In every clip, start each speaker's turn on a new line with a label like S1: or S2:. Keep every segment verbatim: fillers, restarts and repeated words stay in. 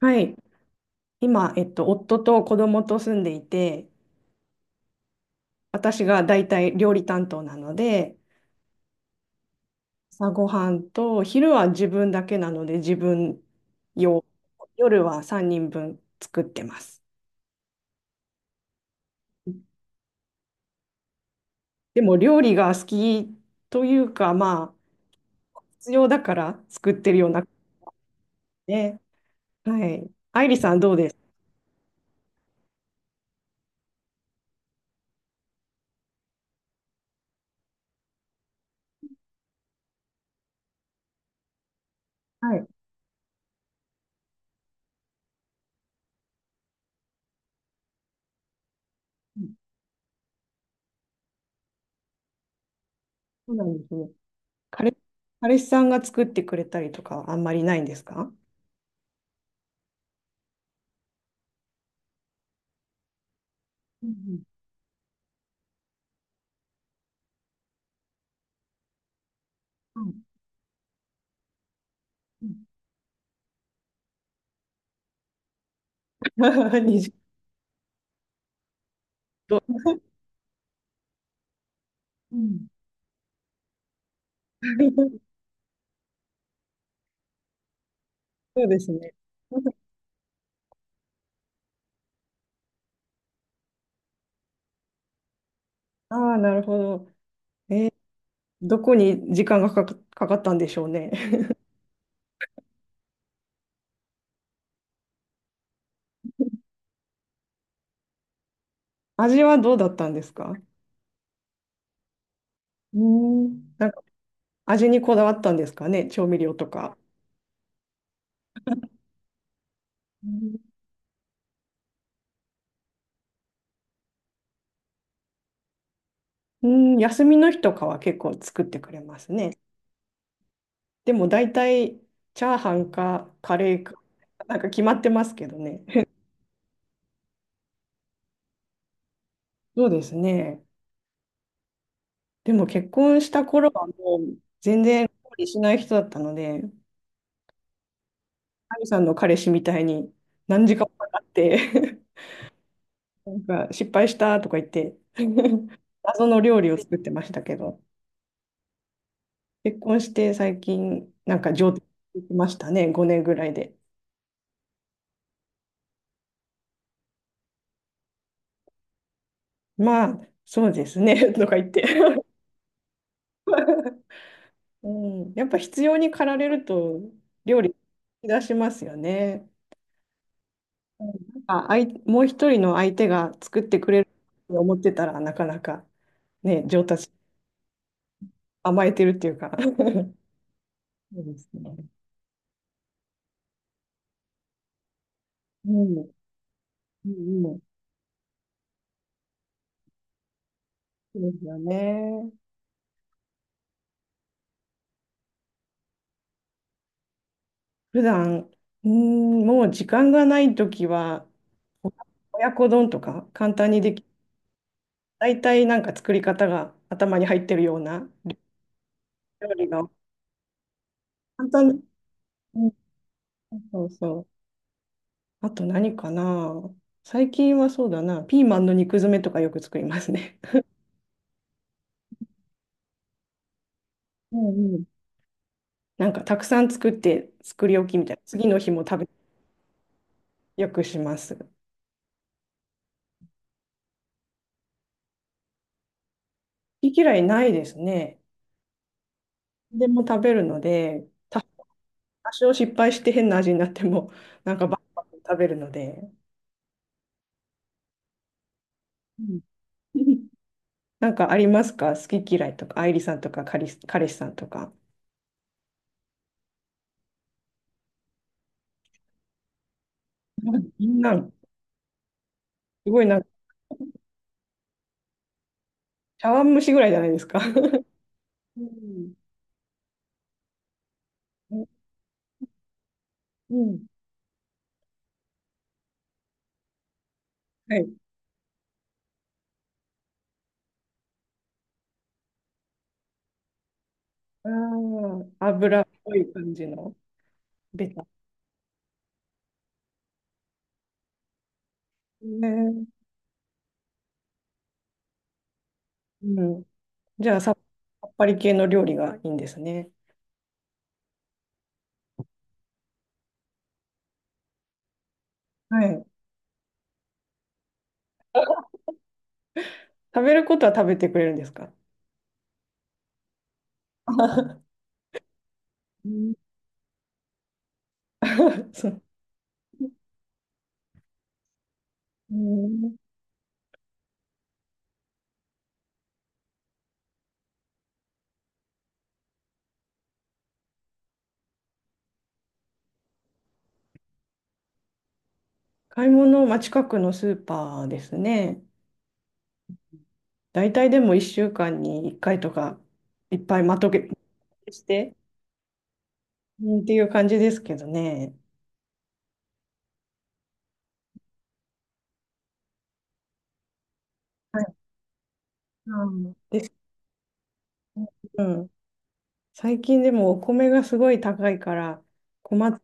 S1: はい。今、えっと、夫と子供と住んでいて、私が大体料理担当なので、朝ごはんと昼は自分だけなので自分用、夜はさんにんぶん作ってます。でも料理が好きというか、まあ、必要だから作ってるような感じで、はい。愛理さんどうですか？はい。うん、そうなんですね。彼、彼氏さんが作ってくれたりとかはあんまりないんですか？うん、うん、うん、うん。 二重と、うん。そうですね。ああ、なるほど。えーどこに時間がかか、かかったんでしょうね。味はどうだったんですか？うーん。なんか味にこだわったんですかね、調味料とか。うん、うん、休みの日とかは結構作ってくれますね。でも大体チャーハンかカレーか、なんか決まってますけどね。そうですね。でも結婚した頃はもう全然料理しない人だったので、アミさんの彼氏みたいに何時間もかかって なんか失敗したとか言って 謎の料理を作ってましたけど、結婚して最近なんか上手になりましたね、ごねんぐらいで。まあ、そうですね とか言って うん、やっぱ必要に駆られると料理出しますよね。うん。なんかあい、もう一人の相手が作ってくれると思ってたらなかなかね、上達、甘えてるっていうか そうですね。うん、うん、うん。そうですよね。普段、うーん、もう時間がないときは、お親子丼とか簡単にでき、大体なんか作り方が頭に入ってるような料理が簡単。うん、そうそう。あと何かな。最近はそうだな。ピーマンの肉詰めとかよく作りますね。うん、うん。なんかたくさん作って作り置きみたいな。次の日も食べ、よくします。好き嫌いないですね。でも食べるので。多少失敗して変な味になっても、なんかバクバク食べるので、うん。 なんかありますか好き嫌いとか、愛梨さんとか、彼氏彼氏さんとか。みんな、すごいなんか、茶碗蒸しぐらいじゃないですか。うん、うん、はい。ああ、油っぽい感じの、ベタ。ね、うん。じゃあさ、さっぱり系の料理がいいんですね。はい。食べることは食べてくれるんですか？ うん。 そう。うん。買い物、まあ、近くのスーパーですね。大体でもいっしゅうかんにいっかいとか、いっぱいまとげして、うんっていう感じですけどね。はい。うんですね、うん。最近でもお米がすごい高いから、困っ、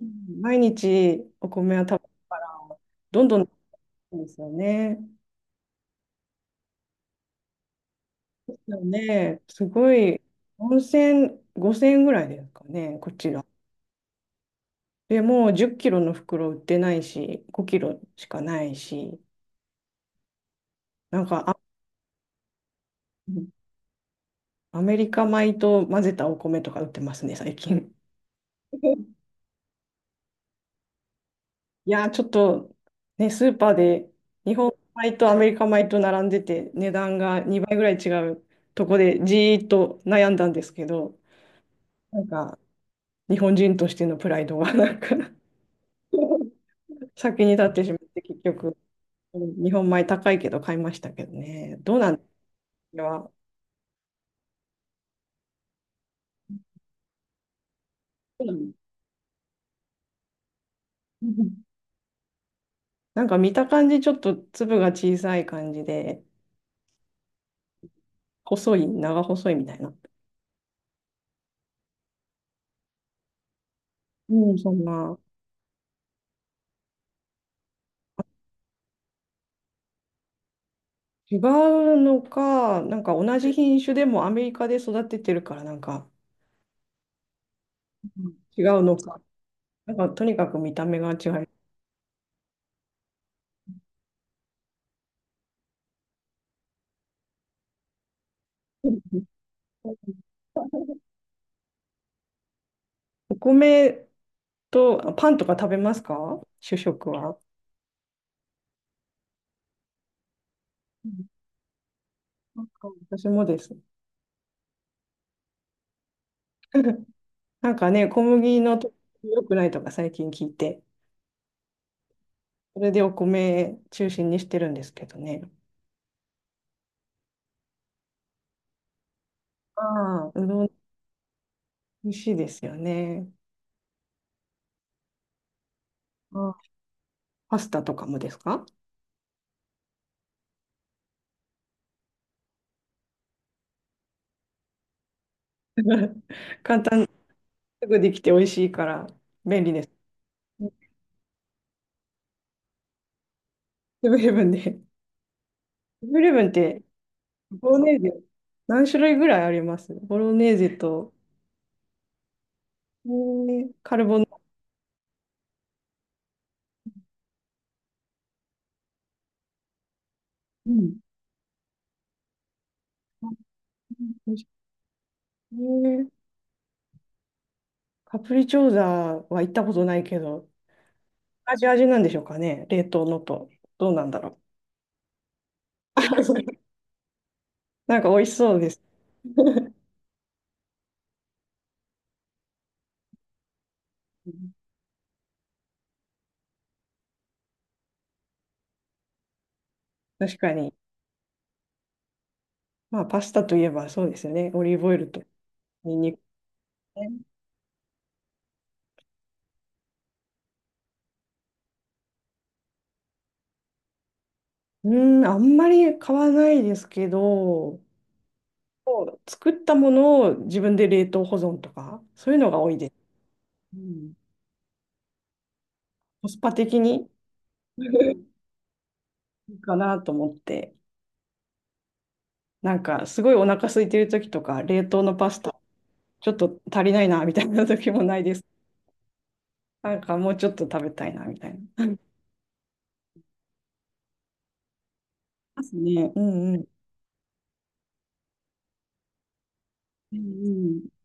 S1: うん、毎日お米は食べるから、どんどん高いんですよね。ですよね。すごい、よんせん、ごせんえんぐらいですかね、こちら。でもうじっキロの袋売ってないし、ごキロしかないし、なんかあアメリカ米と混ぜたお米とか売ってますね、最近。いやー、ちょっとね、スーパーで日本米とアメリカ米と並んでて、値段がにばいぐらい違うとこでじーっと悩んだんですけど、なんか日本人としてのプライドが なんか 先に立ってしまって、結局、うん、日本米高いけど買いましたけどね。どうなんですか？どうなの？なんか見た感じ、ちょっと粒が小さい感じで、細い、長細いみたいな。うん、そんな。違うのか、なんか同じ品種でもアメリカで育ててるから、なんか、うん、違うのか。なんかとにかく見た目が違う。うん。お米とあパンとか食べますか？主食は。うん、なんか私もです。なんかね、小麦のと良くないとか最近聞いて、それでお米中心にしてるんですけどね。ああ、うどん美味しいですよね。あ、パスタとかもですか？ すぐできて美味しいから便利です。セブンイレブンで。セブンイレブンって、ボロネーゼ何種類ぐらいありますボロネーゼと、えーカルボナ、うん、えーカプリチョーザは行ったことないけど、味味なんでしょうかね冷凍のと。どうなんだろう。 なんか美味しそうです。確かに。まあパスタといえばそうですよね。オリーブオイルとニンニクね。うーん、あんまり買わないですけど、作ったものを自分で冷凍保存とか、そういうのが多いです。うん、コスパ的に いいかなと思って、なんかすごいお腹空いてる時とか、冷凍のパスタ、ちょっと足りないなみたいな時もないです。なんかもうちょっと食べたいなみたいな。ますね。うん、うん。うん、うん